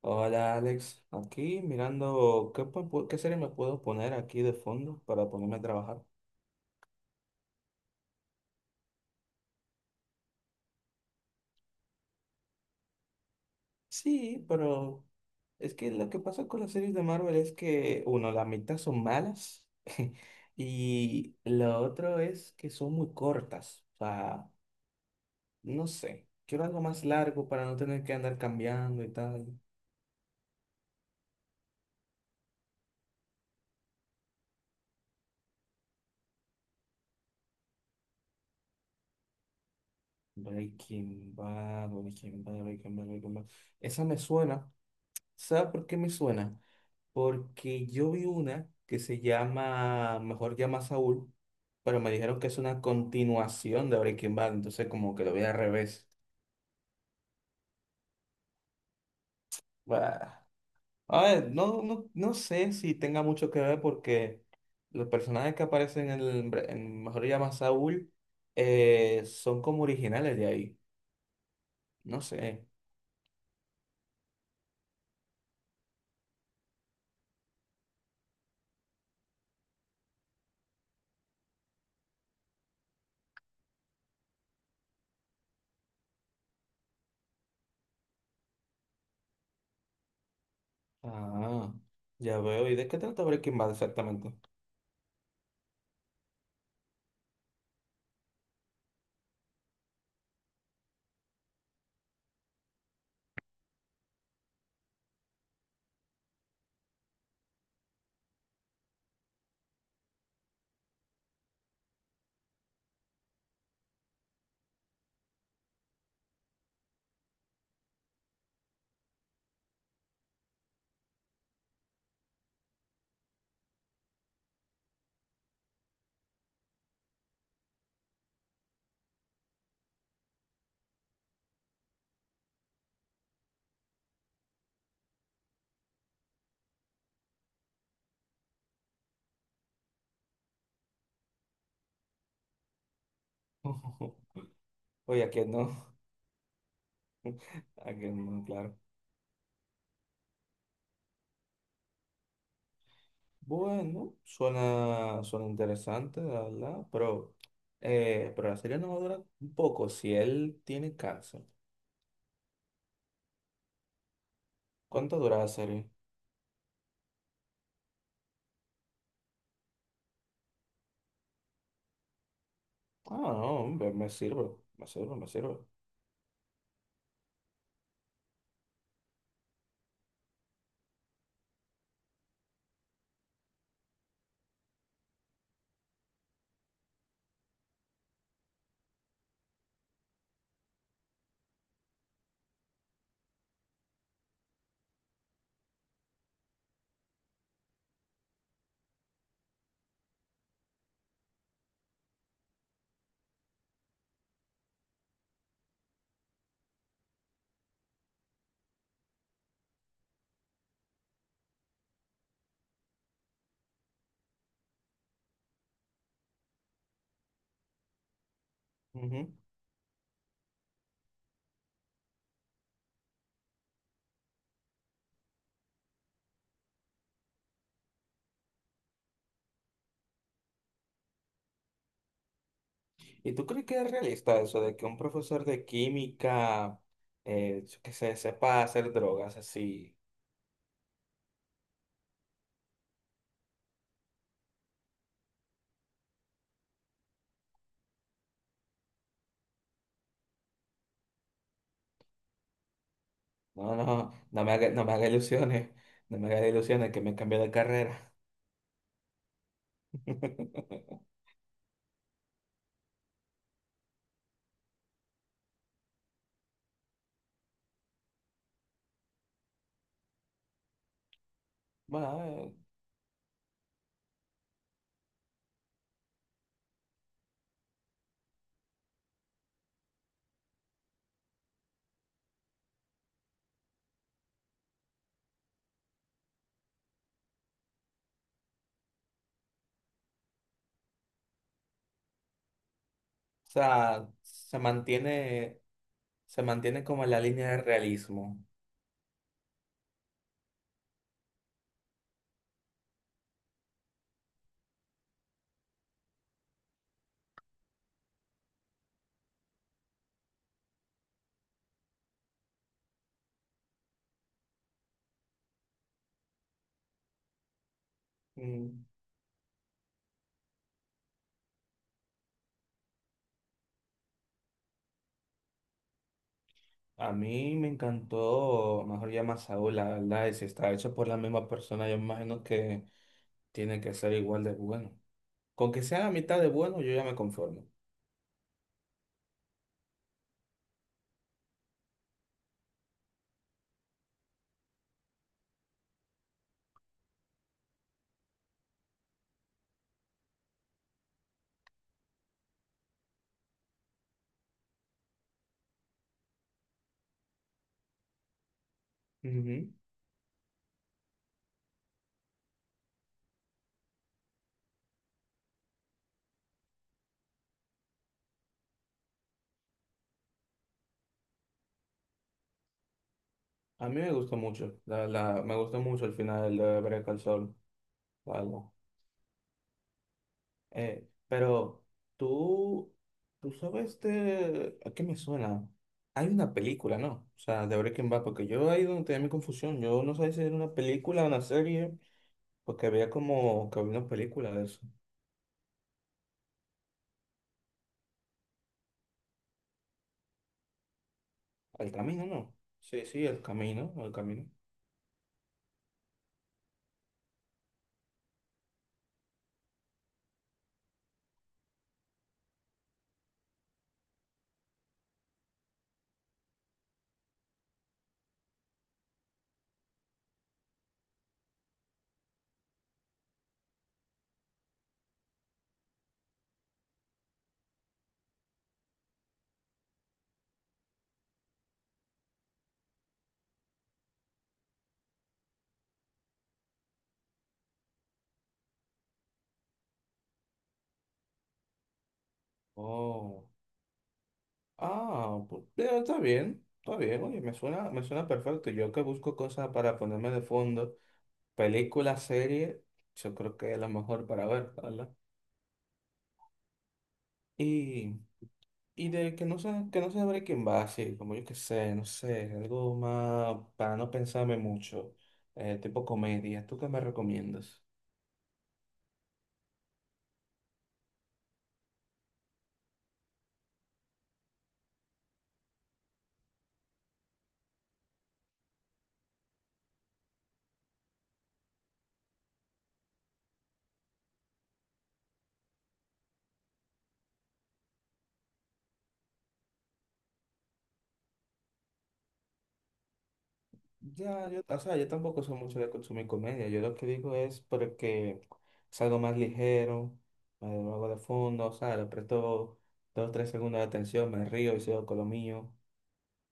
Hola Alex, aquí mirando qué, qué serie me puedo poner aquí de fondo para ponerme a trabajar. Sí, pero es que lo que pasa con las series de Marvel es que, uno, la mitad son malas y lo otro es que son muy cortas. O sea, no sé, quiero algo más largo para no tener que andar cambiando y tal. Breaking Bad, Breaking Bad, Breaking Bad, Breaking Bad. Esa me suena. ¿Sabes por qué me suena? Porque yo vi una que se llama Mejor llama a Saúl, pero me dijeron que es una continuación de Breaking Bad, entonces como que lo vi al revés. Bah. A ver, no, no, no sé si tenga mucho que ver porque los personajes que aparecen en, el en Mejor llama a Saúl son como originales de ahí. No sé. Ah, ya veo. ¿Y de qué trata Breaking Bad exactamente? Oye, ¿a quién no? ¿A quién no? Claro. Bueno, suena, suena interesante, la verdad, pero la serie no va a durar un poco si él tiene cáncer. ¿Cuánto dura la serie? Ah, no, me sirve, me sirve, me sirve. Ujú. ¿Y tú crees que es realista eso de que un profesor de química que se sepa hacer drogas así? No, no, no me haga ilusiones, no me haga ilusiones que me cambié de carrera. Bueno, o sea, se mantiene como en la línea de realismo. Mm. A mí me encantó, Mejor llama a Saúl, la verdad, y si está hecho por la misma persona, yo me imagino que tiene que ser igual de bueno. Con que sea la mitad de bueno, yo ya me conformo. Ujú. A mí me gustó mucho, la me gustó mucho el final de Breath al Sol, la verdad. Pero tú, tú sabes de... ¿A qué me suena? Hay una película, ¿no? O sea, de Breaking Bad, porque yo ahí donde tenía mi confusión. Yo no sabía si era una película o una serie, porque había como que había una película de eso. El camino, ¿no? Sí, sí, el camino, el camino. Oh. Ah, pues, ya, está bien, está bien. Oye, me suena perfecto. Yo que busco cosas para ponerme de fondo, película, serie, yo creo que es la mejor para ver, ¿verdad? Y... Y de que no se abre quién va, así, como yo que sé, no sé, algo más para no pensarme mucho, tipo comedia, ¿tú qué me recomiendas? Ya, yo, o sea, yo tampoco soy mucho de consumir comedia, yo lo que digo es porque es algo más ligero, me lo hago de fondo, o sea, le presto dos o tres segundos de atención, me río y sigo con lo mío.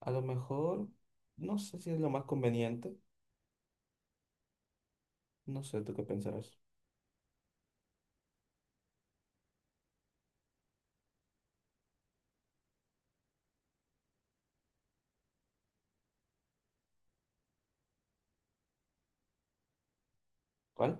A lo mejor, no sé si es lo más conveniente, no sé, ¿tú qué pensarás? ¿Cuál?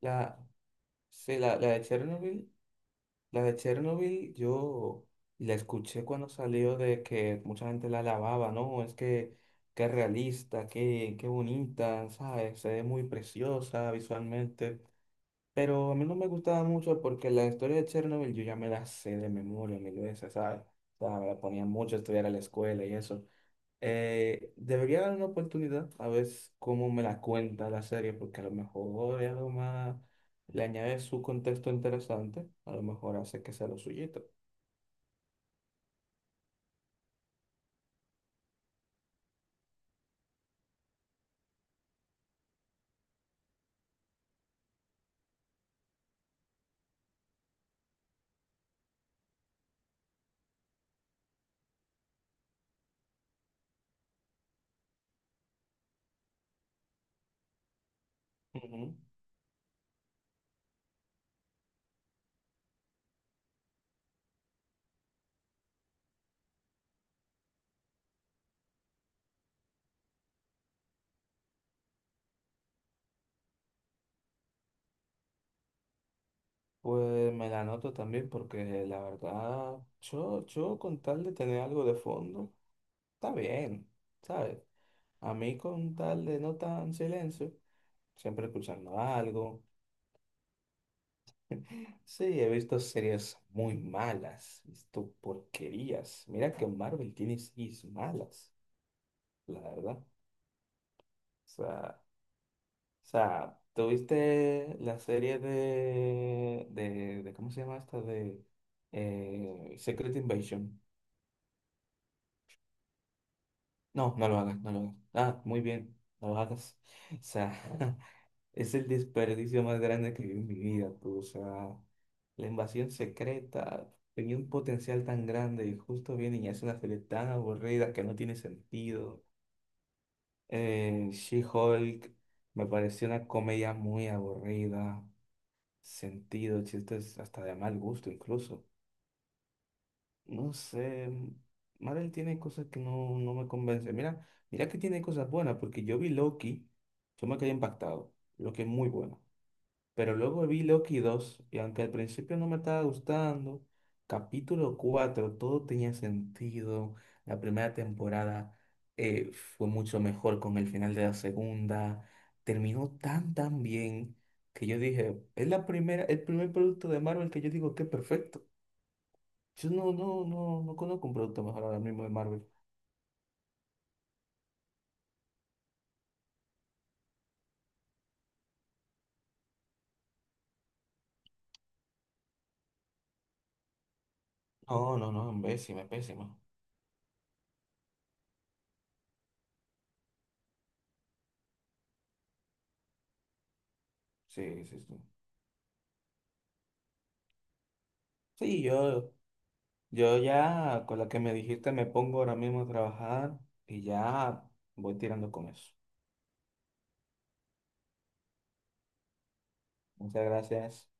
La, sí, la de Chernobyl. La de Chernobyl yo la escuché cuando salió de que mucha gente la alababa, ¿no? Es que qué realista, qué, qué bonita, ¿sabes? Se ve muy preciosa visualmente. Pero a mí no me gustaba mucho porque la historia de Chernobyl yo ya me la sé de memoria mil veces, ¿sabes? O sea, me la ponía mucho a estudiar a la escuela y eso. Debería dar una oportunidad a ver cómo me la cuenta la serie, porque a lo mejor es algo más, le añade su contexto interesante, a lo mejor hace que sea lo suyito. Ujú. Pues me la anoto también, porque la verdad, yo con tal de tener algo de fondo, está bien, ¿sabes? A mí con tal de no tan silencio, siempre escuchando algo. Sí, he visto series muy malas, he visto porquerías. Mira que Marvel tiene series malas, la verdad. Sea, o sea, tuviste la serie de, ¿cómo se llama esta? De Secret Invasion. No, no lo hagas, no lo hagas. Ah, muy bien, no lo hagas. O sea, es el desperdicio más grande que vi en mi vida, pues, o sea, la invasión secreta tenía un potencial tan grande y justo vienen y hacen una serie tan aburrida que no tiene sentido. She-Hulk me pareció una comedia muy aburrida, sentido, chistes hasta de mal gusto incluso. No sé, Marvel tiene cosas que no, no me convence. Mira, mira que tiene cosas buenas, porque yo vi Loki, yo me quedé impactado. Loki es muy buena. Pero luego vi Loki dos y aunque al principio no me estaba gustando, capítulo 4 todo tenía sentido. La primera temporada fue mucho mejor con el final de la segunda. Terminó tan tan bien que yo dije, es la primera, el primer producto de Marvel que yo digo que es perfecto. Yo no, no, no, no conozco un producto mejor ahora mismo de Marvel. No, no, no, pésima, pésima. Sí, sí, sí. Sí. Yo ya con la que me dijiste me pongo ahora mismo a trabajar y ya voy tirando con eso. Muchas gracias.